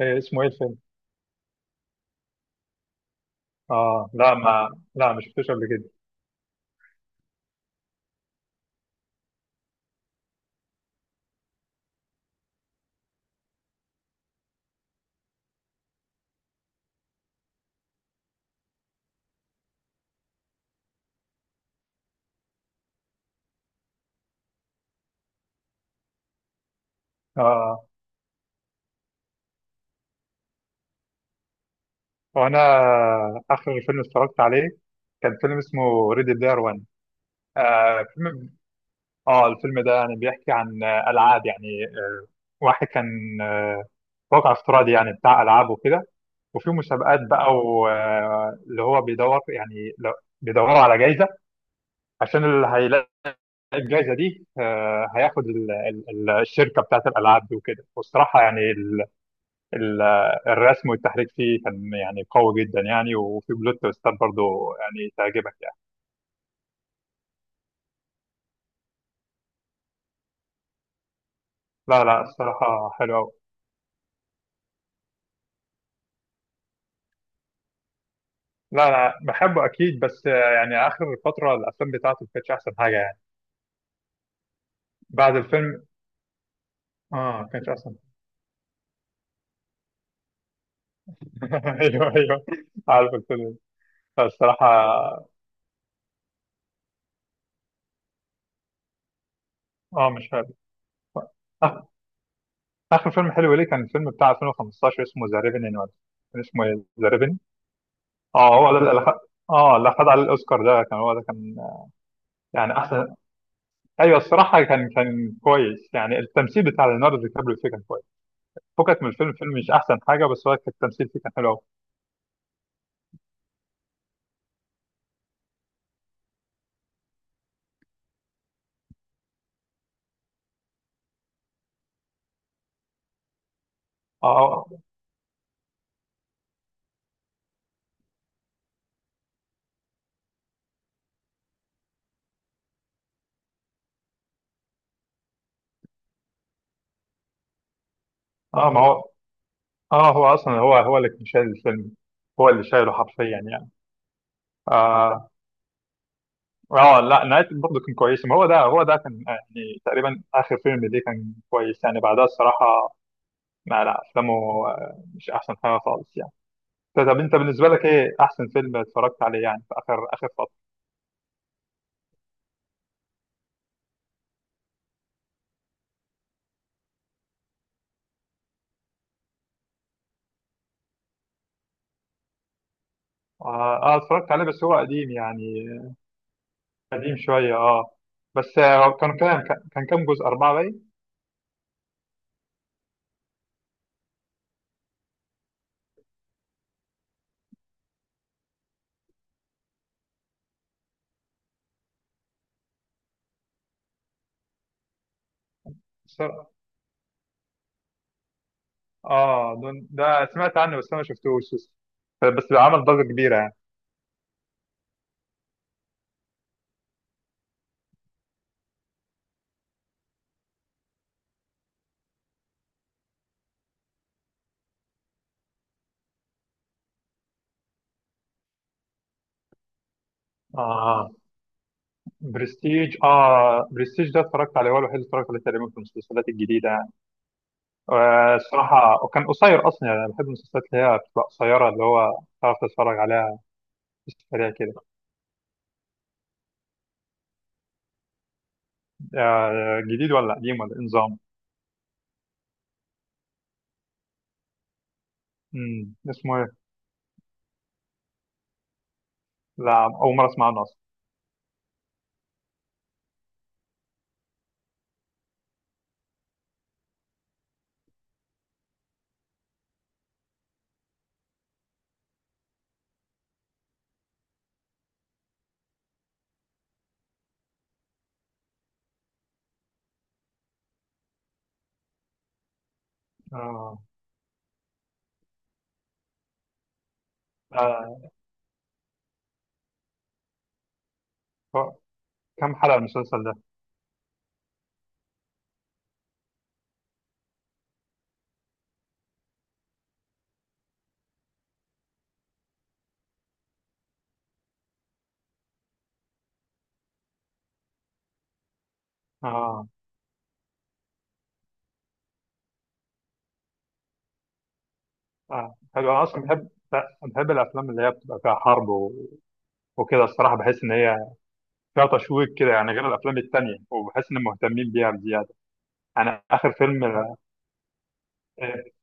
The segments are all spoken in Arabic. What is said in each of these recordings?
إيه اسمه، ايه الفيلم؟ اه، لا ما شفتوش قبل كده. اه، وانا اخر فيلم اتفرجت عليه كان فيلم اسمه ريدي بلاير 1. آه فيلم اه الفيلم ده يعني بيحكي عن العاب، يعني واحد كان، واقع افتراضي يعني بتاع العاب وكده. وفي مسابقات بقى اللي هو بيدور، يعني بيدوروا على جائزه، عشان اللي هيلاقي الجائزه دي هياخد الشركه بتاعت الالعاب دي وكده. والصراحه يعني ال- الرسم والتحريك فيه كان يعني قوي جدا يعني، وفي بلوت تويستات برضه يعني تعجبك يعني. لا، لا، الصراحة حلو أوي. لا، لا، بحبه أكيد، بس يعني آخر فترة الأفلام بتاعته ما كانتش أحسن حاجة يعني. بعد الفيلم آه ما كانتش أحسن. أيوه، أيوه، عارف الفيلم ده. الصراحة آه، مش حلو. آخ- آخر فيلم حلو ليه كان الفيلم بتاع 2015 اسمه ذا ريفني، ولا كان اسمه إيه؟ ذا ريفني. هو ده اللي أخد، اللي أخد عليه الأوسكار، ده كان، هو ده كان، يعني أحسن. ايوه، الصراحه كان كويس يعني، التمثيل بتاع ليوناردو دي كابريو فيه كان كويس، فكك من الفيلم مش احسن حاجه، بس هو كان التمثيل فيه كان حلو قوي. اه، اه، آه، ما هو، اه هو اصلا، هو اللي كان شايل الفيلم، هو اللي شايله حرفيا يعني. اه، اه، آه، لا، نهايته برضه كان كويسه، ما هو ده كان، يعني تقريبا اخر فيلم ليه كان كويس يعني، بعدها الصراحه لا، لا، افلامه مش احسن حاجه خالص يعني. طب انت بالنسبه لك ايه احسن فيلم اتفرجت عليه يعني في اخر اخر فتره؟ اه، اتفرجت عليه بس هو قديم يعني، قديم شوية اه. بس كانوا كام، كان كام جزء أربعة باين. بس- اه، ده سمعت عنه بس أنا ما شفتوش لسه. بس عمل ضجة كبيرة يعني. اه، برستيج. اه برستيج ده اتفرجت عليه، هو الوحيد اللي اتفرجت عليه تقريبا في المسلسلات الجديدة يعني. الصراحة وكان قصير أصلا يعني، أنا بحب المسلسلات اللي هي بتبقى قصيرة، اللي هو تعرف تتفرج عليها في السريع كده. جديد ولا قديم ولا إيه نظام؟ اسمه إيه؟ لا، أول مرة أسمع عنه أصلا. آه. آه. كم حلقة المسلسل ده؟ اه، اه، حلو. انا اصلا بحب الافلام اللي هي بتبقى فيها حرب، و... وكده الصراحه بحس ان هي فيها تشويق كده يعني، غير الافلام التانية، وبحس ان مهتمين بيها بزياده. انا اخر فيلم، آه،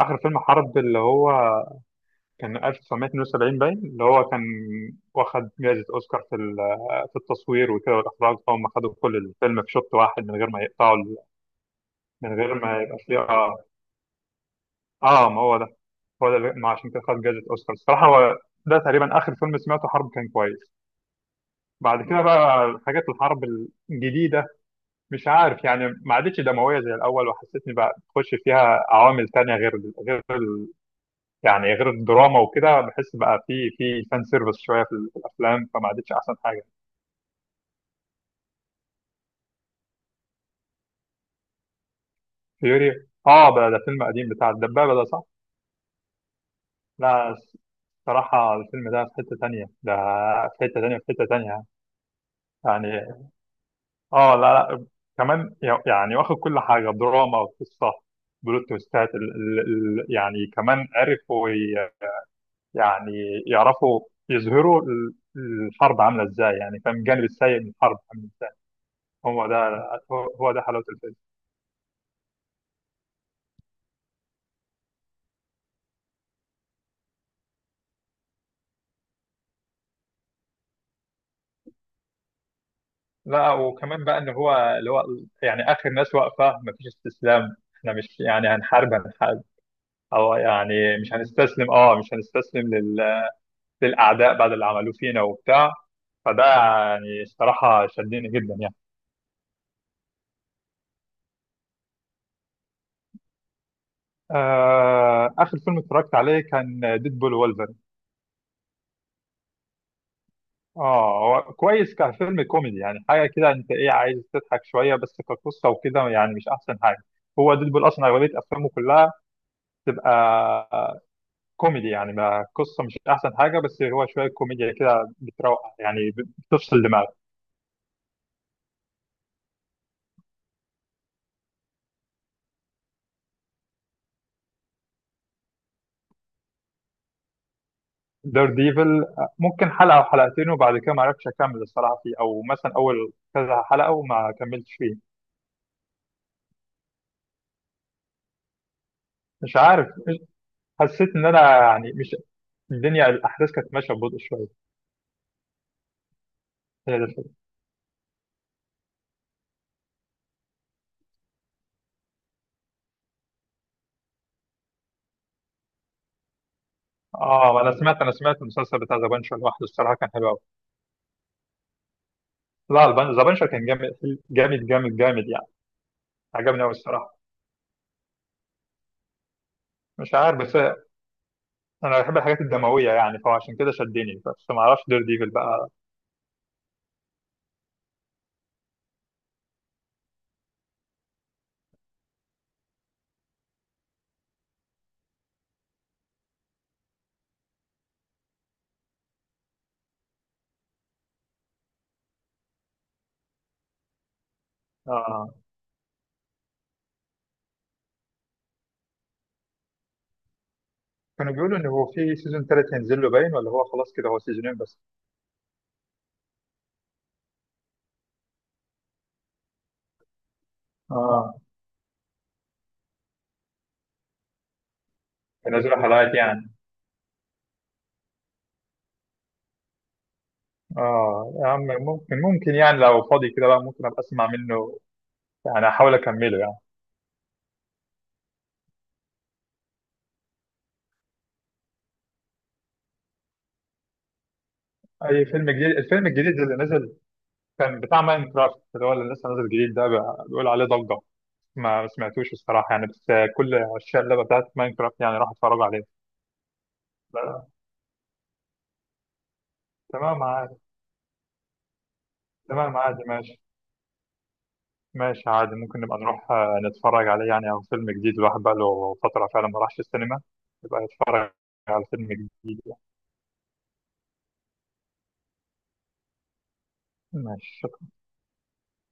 اخر فيلم حرب اللي هو كان 1972 باين، اللي هو كان واخد جائزه اوسكار في التصوير وكده والاخراج، هم خدوا كل الفيلم في شوط واحد من غير ما يقطعوا ال-، من غير ما يبقى فيه. اه اه ما هو ده، ما عشان كده خد جائزه اوسكار الصراحه، هو ده تقريبا اخر فيلم سمعته حرب كان كويس. بعد كده بقى حاجات الحرب الجديدة مش عارف يعني ما عادتش دموية زي الأول، وحسيتني بقى تخش فيها عوامل تانية، غير غير ال- يعني غير الدراما وكده، بحس بقى في فان سيرفيس شوية في الأفلام، فما عادتش أحسن حاجة. فيوري. اه، بقى ده فيلم قديم بتاع الدبابة ده، صح؟ لا، الصراحة الفيلم ده في حتة تانية، ده في حتة تانية، في حتة تانية يعني، يعني اه لا، لا، كمان يعني واخد كل حاجه، دراما وقصه، بلوت تويستات يعني كمان عرفوا يعني يعرفوا يظهروا الحرب عامله ازاي، يعني فاهم الجانب السيء من الحرب عامله ازاي. هو ده. هو ده حلاوه الفيلم. لا، وكمان بقى ان هو اللي هو يعني اخر ناس واقفه مفيش استسلام، احنا مش يعني هنحارب، هنحارب، او يعني مش هنستسلم، مش هنستسلم للاعداء بعد اللي عملوه فينا وبتاع، فده يعني الصراحة شدني جدا يعني. آخر فيلم اتفرجت عليه كان ديد بول وولفرين. اه، هو كويس كفيلم كوميدي يعني، حاجة كده انت ايه عايز تضحك شوية، بس كقصة وكده يعني مش أحسن حاجة. هو ديد بول أصلا أغلبية أفلامه كلها تبقى آه، كوميدي يعني، ما قصة مش أحسن حاجة، بس هو شوية كوميديا كده بتروق يعني، بتفصل دماغك. دير ديفل ممكن حلقة أو حلقتين، وبعد كده ما عرفتش أكمل الصراحة فيه، أو مثلا أول كذا حلقة وما كملتش فيه. مش عارف، حسيت ان انا يعني مش، الدنيا الاحداث كانت ماشيه ببطء شويه، هي دي الفكره. اه، انا سمعت المسلسل بتاع ذا بانشر لوحده الصراحه كان حلو قوي. لا، ذا بانشر كان جامد، جامد، جامد، جامد يعني، عجبني قوي الصراحه، مش عارف بس انا بحب الحاجات الدمويه يعني، فعشان كده شدني، بس ما اعرفش دير ديفل بقى. آه. كانوا بيقولوا ان هو في سيزون ثالث هينزل له باين ولا هو خلاص كده هو سيزونين بس؟ اه، ينزلوا حلقات يعني. اه يا عم، ممكن يعني لو فاضي كده بقى، ممكن ابقى اسمع منه، يعني احاول اكمله يعني. اي فيلم جديد؟ الفيلم الجديد اللي نزل كان بتاع ماين كرافت، اللي هو اللي لسه نازل جديد ده بيقول عليه ضجه، ما سمعتوش الصراحه يعني، بس كل عشاق اللعبه بتاعت ماين كرافت يعني راح اتفرجوا عليه. لا، تمام عادي. تمام عادي، ماشي، ماشي، عادي، ممكن نبقى نروح نتفرج عليه يعني، او فيلم جديد الواحد بقى له فتره فعلا ما راحش السينما، يبقى يتفرج على فيلم جديد يعني. ماشي